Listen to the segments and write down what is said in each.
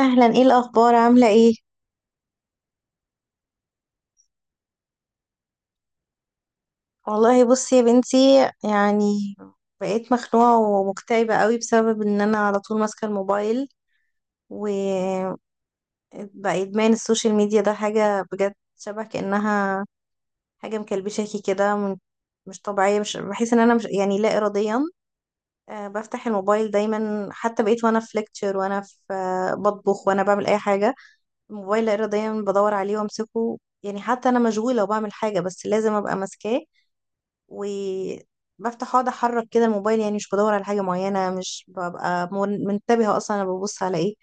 اهلا، ايه الاخبار؟ عامله ايه؟ والله بصي يا بنتي، يعني بقيت مخنوعه ومكتئبه قوي بسبب ان انا على طول ماسكه الموبايل. وبقى ادمان السوشيال ميديا ده حاجه بجد، شبه كانها حاجه مكلبشاكي كده مش طبيعيه، مش بحس ان انا مش يعني لا اراديا. بفتح الموبايل دايما، حتى بقيت وانا في ليكتشر وانا في بطبخ وانا بعمل اي حاجه. الموبايل لا اراديا بدور عليه وامسكه، يعني حتى انا مشغوله وبعمل حاجه بس لازم ابقى ماسكاه. وبفتح اقعد احرك كده الموبايل، يعني مش بدور على حاجة معينة، مش ببقى منتبهة اصلا انا ببص على ايه.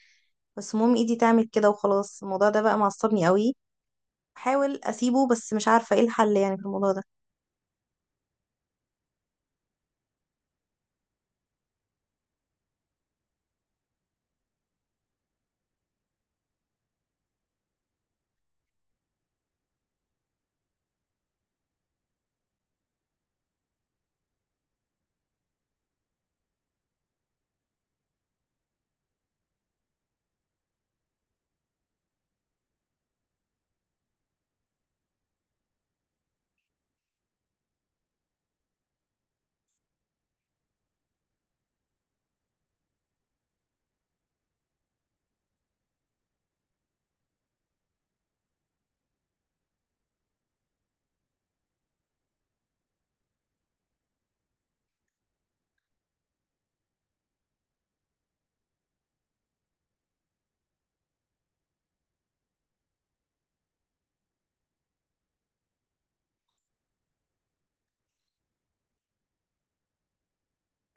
بس المهم ايدي تعمل كده وخلاص. الموضوع ده بقى معصبني قوي، بحاول اسيبه بس مش عارفة ايه الحل يعني في الموضوع ده.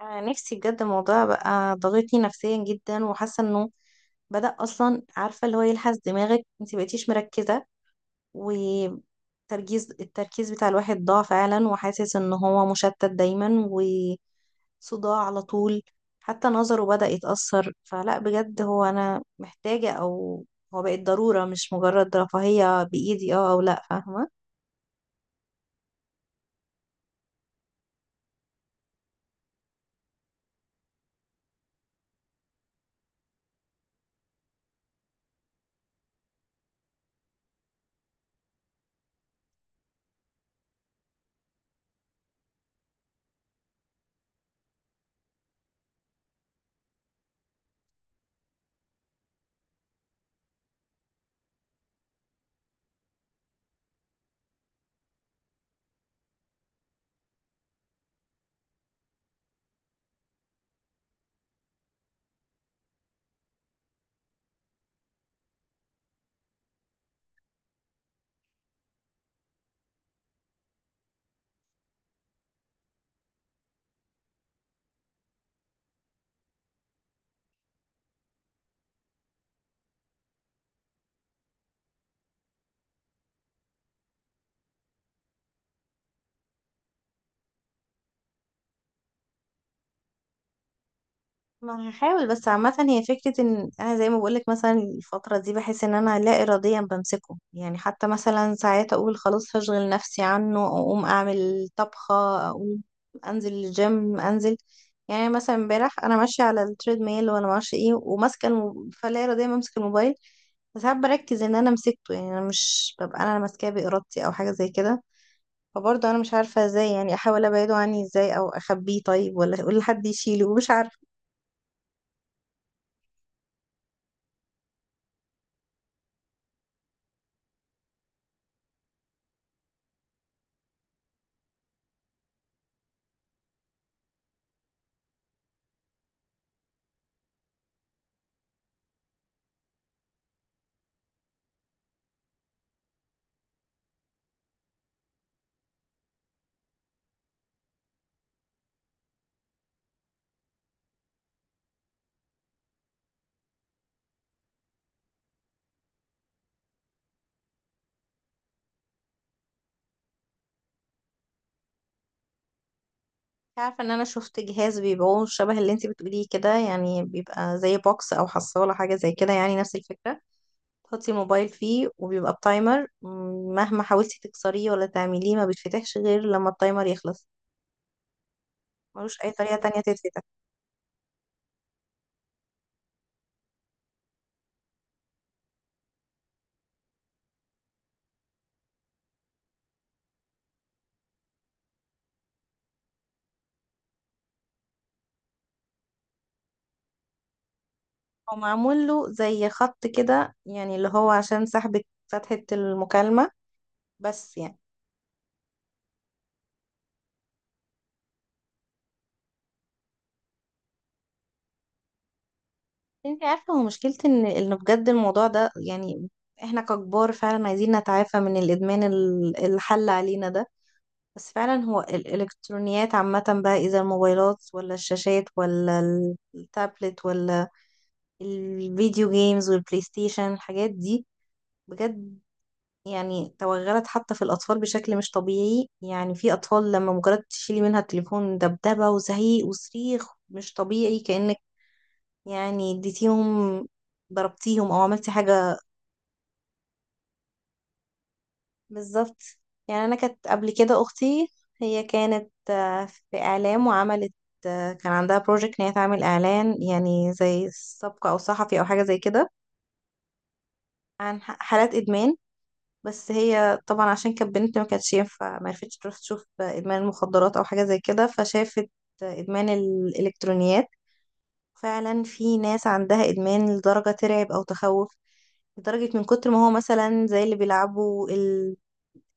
انا نفسي بجد الموضوع بقى ضاغطني نفسيا جدا، وحاسة انه بدأ اصلا، عارفة اللي هو يلحس دماغك، انت بقيتيش مركزة. التركيز بتاع الواحد ضاع فعلا، وحاسس ان هو مشتت دايما وصداع على طول. حتى نظره بدأ يتأثر، فلا بجد هو انا محتاجة او هو بقت ضرورة مش مجرد رفاهية بإيدي اه او لا، فاهمة؟ ما هحاول، بس عامة هي فكرة ان انا زي ما بقولك مثلا الفترة دي بحس ان انا لا اراديا بمسكه، يعني حتى مثلا ساعات اقول خلاص هشغل نفسي عنه او اقوم اعمل طبخة، اقوم انزل الجيم انزل. يعني مثلا امبارح انا ماشية على التريد ميل ولا معرفش ايه وماسكة فلا اراديا بمسك الموبايل. بس ساعات بركز ان انا مسكته، يعني انا مش ببقى انا ماسكاه بارادتي او حاجة زي كده. فبرضه انا مش عارفة ازاي، يعني احاول ابعده عني ازاي او اخبيه طيب، ولا اقول لحد يشيله، مش عارفة. عارفة ان انا شفت جهاز بيبيعوه شبه اللي انتي بتقوليه كده، يعني بيبقى زي بوكس او حصالة حاجة زي كده، يعني نفس الفكرة. تحطي الموبايل فيه وبيبقى بتايمر، مهما حاولتي تكسريه ولا تعمليه ما بيتفتحش غير لما التايمر يخلص. ملوش اي طريقة تانية تتفتح. هو معمول له زي خط كده، يعني اللي هو عشان سحب فتحة المكالمة، بس يعني. انتي عارفة هو مشكلتي ان بجد الموضوع ده، يعني احنا ككبار فعلا عايزين نتعافى من الادمان، الحل علينا ده. بس فعلا هو الإلكترونيات عامة بقى، إذا الموبايلات ولا الشاشات ولا التابلت ولا الفيديو جيمز والبلاي ستيشن، الحاجات دي بجد، يعني توغلت حتى في الأطفال بشكل مش طبيعي. يعني في أطفال لما مجرد تشيلي منها التليفون دبدبة وزعيق وصريخ مش طبيعي، كأنك يعني اديتيهم ضربتيهم أو عملتي حاجة. بالظبط، يعني انا كانت قبل كده اختي، هي كانت في اعلام، وعملت كان عندها بروجكت ان هي تعمل اعلان يعني زي سبق او صحفي او حاجه زي كده، عن حالات ادمان. بس هي طبعا عشان كانت بنت ما كانتش ينفع، ما عرفتش تروح تشوف ادمان المخدرات او حاجه زي كده، فشافت ادمان الالكترونيات. فعلا في ناس عندها ادمان لدرجه ترعب او تخوف، لدرجة من كتر ما هو مثلا زي اللي بيلعبوا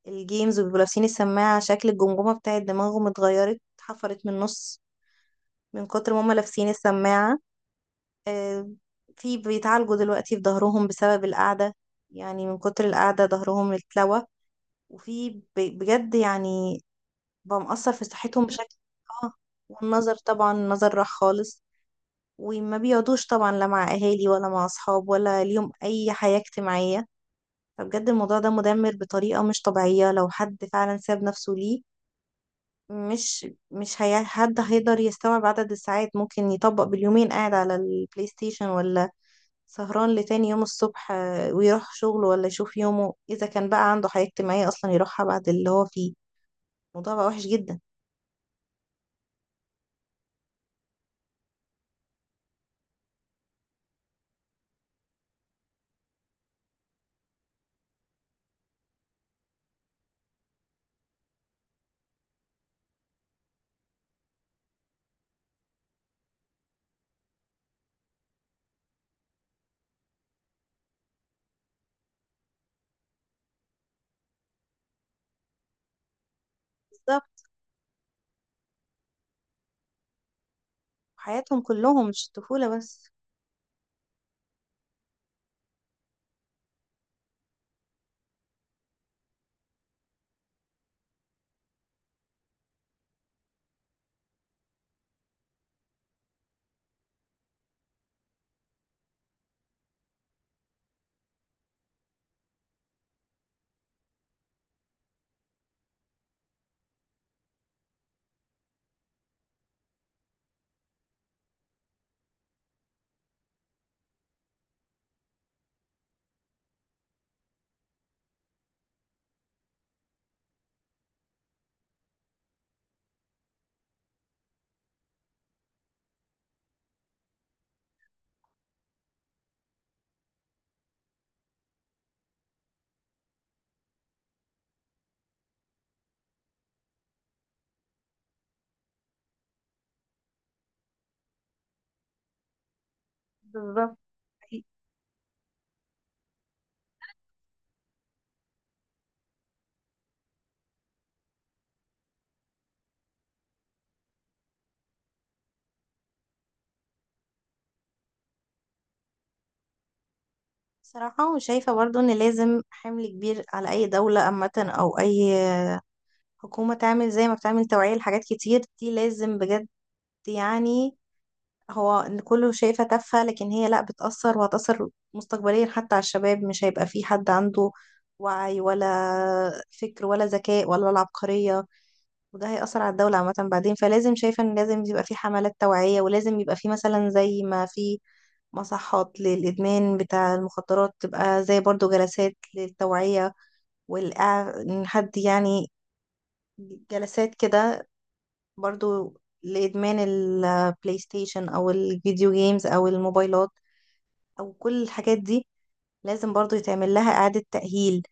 الجيمز وبيبقوا لابسين السماعة، شكل الجمجمة بتاعت دماغهم اتغيرت، اتحفرت من النص من كتر ما هما لابسين السماعة. آه، في بيتعالجوا دلوقتي في ظهرهم بسبب القعدة، يعني من كتر القعدة ظهرهم اتلوى. وفي بجد يعني بقى مأثر في صحتهم بشكل. اه، والنظر طبعا، النظر راح خالص. وما بيقعدوش طبعا لا مع أهالي ولا مع أصحاب ولا ليهم أي حياة اجتماعية. فبجد الموضوع ده مدمر بطريقة مش طبيعية لو حد فعلا ساب نفسه ليه. مش هي، حد هيقدر يستوعب عدد الساعات ممكن يطبق باليومين قاعد على البلاي ستيشن، ولا سهران لتاني يوم الصبح ويروح شغله، ولا يشوف يومه إذا كان بقى عنده حياة اجتماعية أصلا يروحها بعد اللي هو فيه. الموضوع بقى وحش جدا. بالظبط، حياتهم كلهم مش الطفولة بس. بالظبط. حقيقي. صراحة شايفة برضو إن لازم حمل كبير على أي دولة عامة أو أي حكومة تعمل زي ما بتعمل توعية لحاجات كتير، دي لازم بجد، يعني هو إن كله شايفة تافهة لكن هي لا، بتأثر وهتأثر مستقبليا حتى على الشباب. مش هيبقى في حد عنده وعي ولا فكر ولا ذكاء ولا العبقرية، وده هيأثر على الدولة عامة بعدين. فلازم شايفة إن لازم يبقى في حملات توعية، ولازم يبقى في مثلا زي ما في مصحات للإدمان بتاع المخدرات، تبقى زي برضو جلسات للتوعية. والإع- إن حد يعني جلسات كده برضو لإدمان البلاي ستيشن أو الفيديو جيمز أو الموبايلات او كل الحاجات دي، لازم برضو يتعمل لها اعادة تأهيل،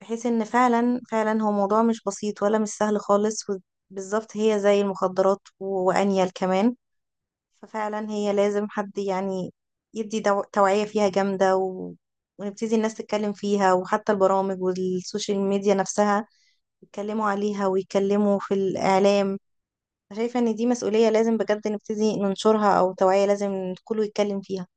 بحيث ان فعلا فعلا هو موضوع مش بسيط ولا مش سهل خالص. بالظبط، هي زي المخدرات وانيل كمان. ففعلا هي لازم حد يعني يدي توعية فيها جامدة ونبتدي الناس تتكلم فيها، وحتى البرامج والسوشيال ميديا نفسها يتكلموا عليها ويتكلموا في الإعلام. شايفة ان دي مسؤولية لازم بجد نبتدي ننشرها، او توعية لازم كله يتكلم فيها.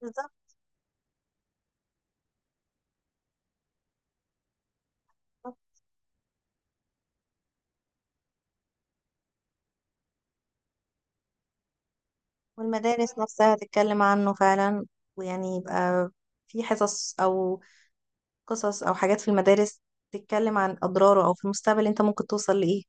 بالظبط، والمدارس نفسها تتكلم عنه فعلا، ويعني يبقى في حصص أو قصص أو حاجات في المدارس تتكلم عن أضراره، أو في المستقبل أنت ممكن توصل لإيه.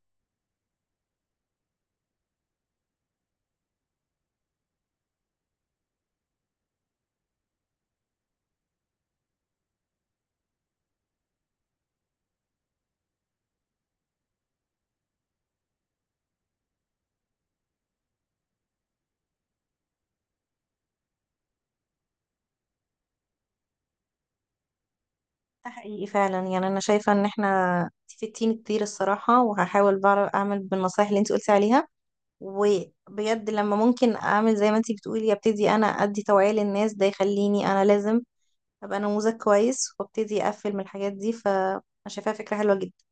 ده حقيقي فعلا، يعني أنا شايفة إن إحنا، إنتي فدتيني كتير الصراحة، وهحاول بعرف أعمل بالنصايح اللي أنت قلتي عليها. وبجد لما ممكن أعمل زي ما أنت بتقولي أبتدي أنا أدي توعية للناس، ده يخليني أنا لازم أبقى نموذج كويس وأبتدي أقفل من الحاجات دي، فأنا شايفاها فكرة حلوة جدا.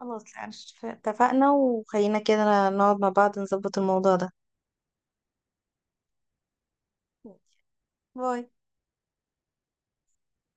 خلاص يعني، اتفقنا، وخلينا كده نقعد مع بعض نظبط الموضوع ده. باي.